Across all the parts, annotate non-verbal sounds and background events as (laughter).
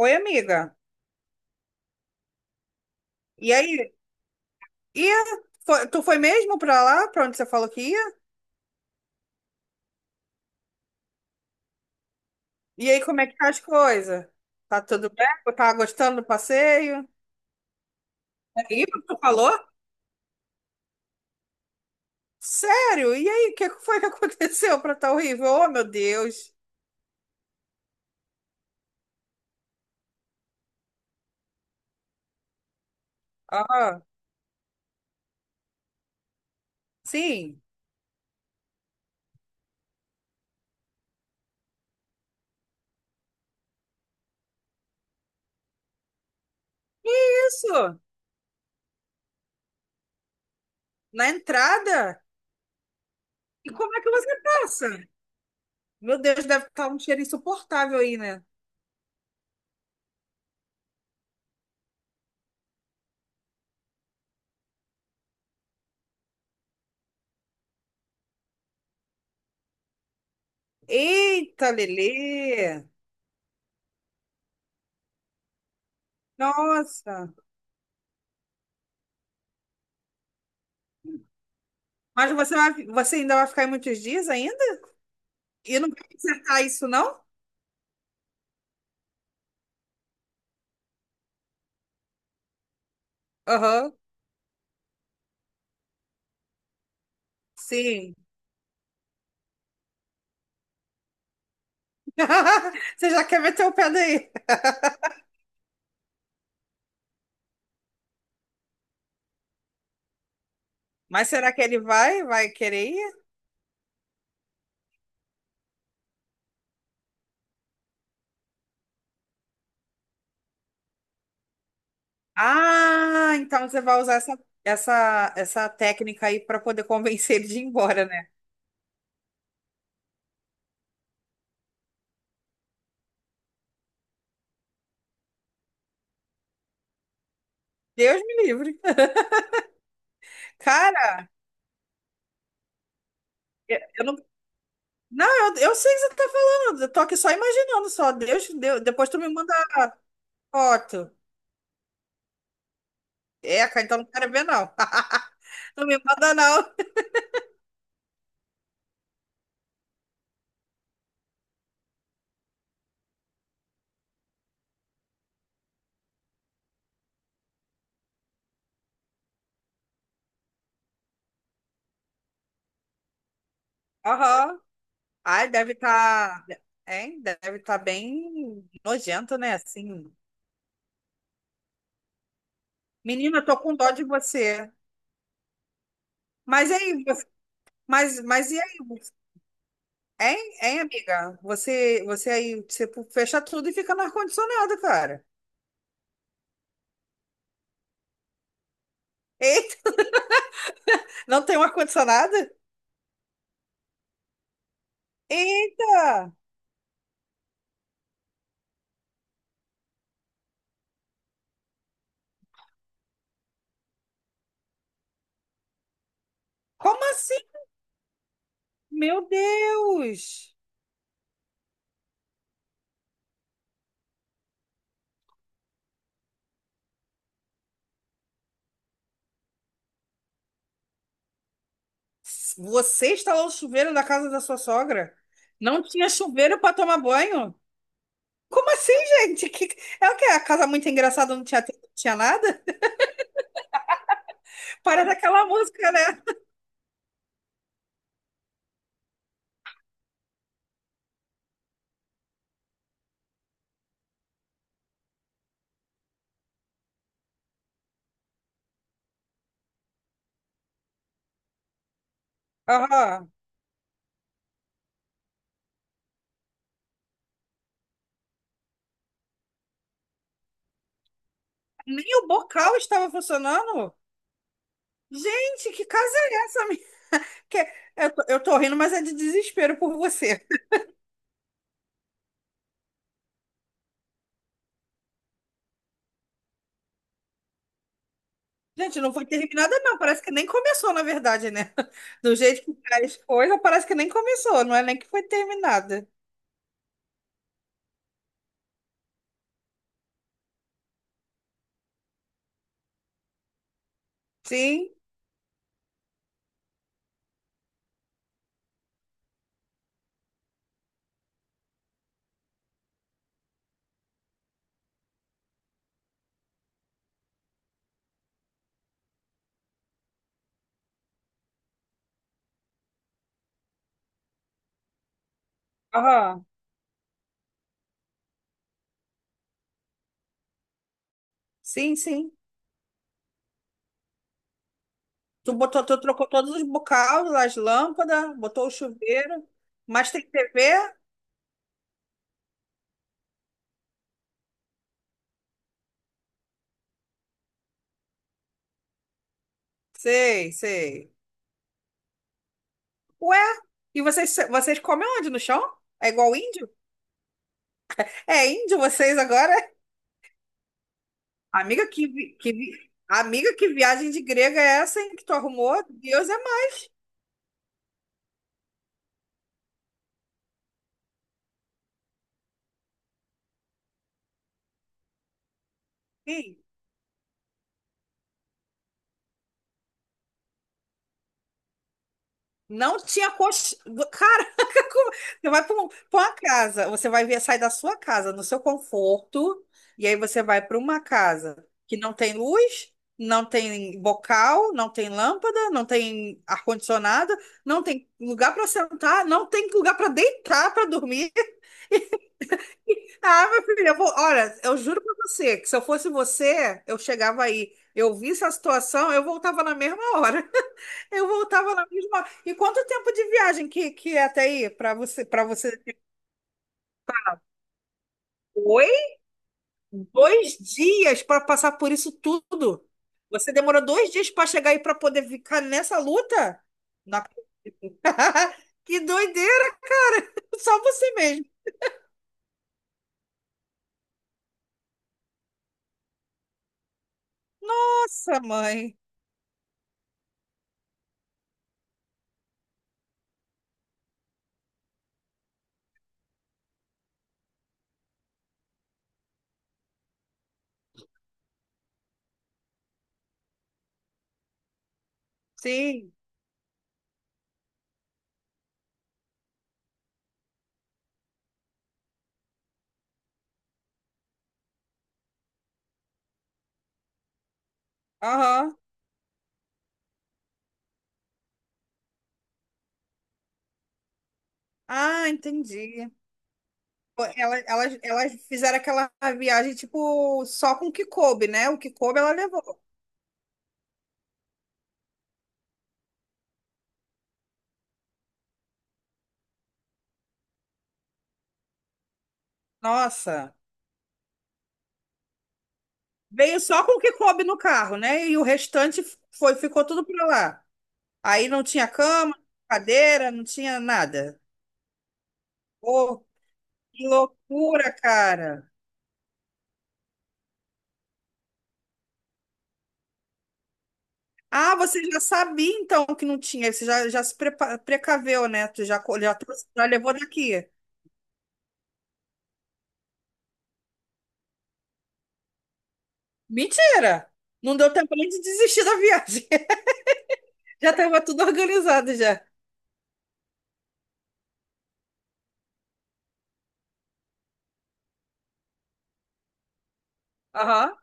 Oi, amiga. E aí? E tu foi mesmo pra lá, pra onde você falou que ia? E aí, como é que tá as coisas? Tá tudo bem? Tá gostando do passeio? É horrível tu falou? Sério? E aí, o que foi que (laughs) aconteceu pra tá horrível? Oh, meu Deus. Ah, sim. Isso, na entrada? E como é que você passa? Meu Deus, deve estar um cheiro insuportável aí, né? Eita, Lelê. Nossa. Mas você vai, você ainda vai ficar aí muitos dias ainda? E não vai consertar isso, não? Aham, sim. (laughs) Você já quer meter o pé daí. Mas será que ele vai? Vai querer ir? Ah, então você vai usar essa técnica aí para poder convencer ele de ir embora, né? Deus me livre. (laughs) Cara, eu não. Não, eu sei o que você tá falando. Eu tô aqui só imaginando, só. Deus, Deus, depois tu me manda a foto. É, cara, então não quero ver, não. (laughs) Não me manda, não. Aham. Ai, deve estar. Hein? Deve estar bem nojento, né? Assim. Menina, eu tô com dó de você. Mas aí, você- mas e aí? Você- Hein, hein, amiga? Você aí, você fecha tudo e fica no ar-condicionado, cara. Eita, não tem um ar-condicionado? Eita! Como assim? Meu Deus! Você instalou o chuveiro na casa da sua sogra? Não tinha chuveiro para tomar banho? Como assim, gente? Que... É o quê? A casa muito engraçada não tinha, não tinha nada? (laughs) Para daquela música, né? Aham. Nem o bocal estava funcionando. Gente, que casa é essa? Minha? Que... Eu tô rindo, mas é de desespero por você. Gente, não foi terminada, não. Parece que nem começou, na verdade, né? (laughs) Do jeito que faz coisa, parece que nem começou. Não é nem que foi terminada. Sim. Aham. Sim, sim. Tu botou, tu trocou todos os bocais, as lâmpadas, botou o chuveiro. Mas tem TV? Sei, sei. Ué, e vocês comem onde? No chão? É igual índio? É índio vocês agora? Amiga, que, vi- amiga, que viagem de grega é essa, hein, que tu arrumou? Deus é mãe. Não tinha coxinha. Caraca, (laughs) como- você vai para uma casa, você vai ver, sai da sua casa, no seu conforto, e aí você vai para uma casa que não tem luz, não tem bocal, não tem lâmpada, não tem ar-condicionado, não tem lugar para sentar, não tem lugar para deitar, para dormir. (laughs) Ah, meu filho, eu vou... olha, eu juro para você que se eu fosse você, eu chegava aí, eu visse a situação, eu voltava na mesma hora. Eu voltava na mesma. E quanto tempo de viagem que é até aí para você, para você? Oi? Dois dias para passar por isso tudo. Você demorou dois dias para chegar aí para poder ficar nessa luta? Na- (laughs) Que doideira! (laughs) Só você mesmo. Nossa, mãe. Sim. Aham. Ah, entendi. Pô, elas fizeram aquela viagem, tipo, só com o que coube, né? O que coube ela levou. Nossa. Veio só com o que coube no carro, né? E o restante foi, ficou tudo pra lá. Aí não tinha cama, cadeira, não tinha nada. Pô, que loucura, cara. Ah, você já sabia então que não tinha, você já se prepa- precaveu, né? Tu já, co- já, trouxe- já levou daqui. Mentira! Não deu tempo nem de desistir da viagem. (laughs) Já estava tudo organizado já. Aham.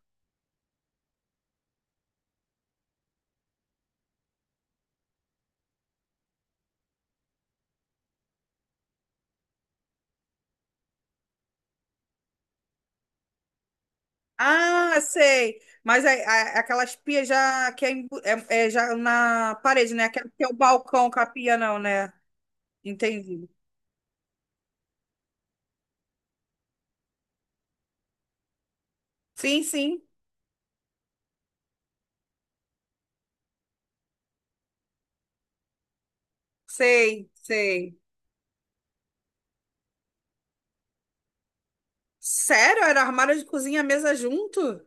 Ah, sei. Mas é aquelas pias já que é, embu- é- é já na parede, né? Aquela que é o balcão com a pia, não, né? Entendi. Sim, sim. Sei, sei. Sério? Era armário de cozinha e mesa junto?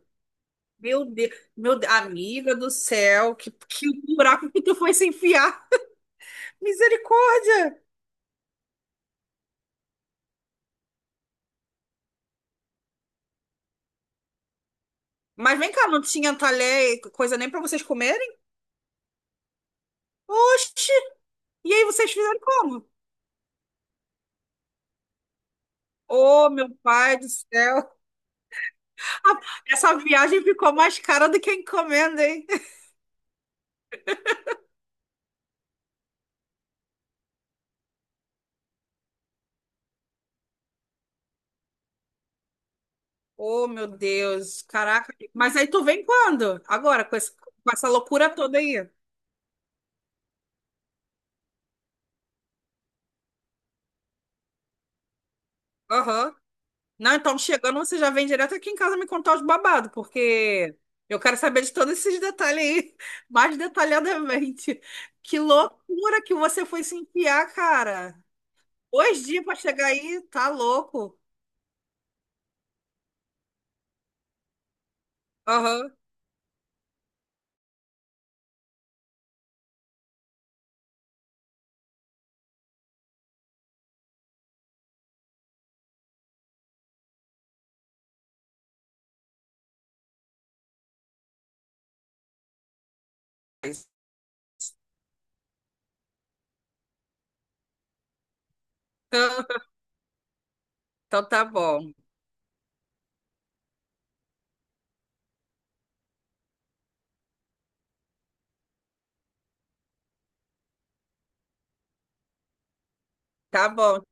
Meu Deus, amiga do céu, que buraco que tu foi se enfiar. Misericórdia! Mas vem cá, não tinha talher, e coisa nem pra vocês comerem? Oxi! E aí vocês fizeram como? Ô, meu pai do céu! Essa viagem ficou mais cara do que a encomenda, hein? Oh, meu Deus, caraca. Mas aí tu vem quando? Agora, com esse- com essa loucura toda aí. Aham. Não, então chegando, você já vem direto aqui em casa me contar os babados, porque eu quero saber de todos esses detalhes aí, (laughs) mais detalhadamente. Que loucura que você foi se enfiar, cara. Dois dias pra chegar aí, tá louco. Aham. (laughs) Então então tá bom. Tá bom.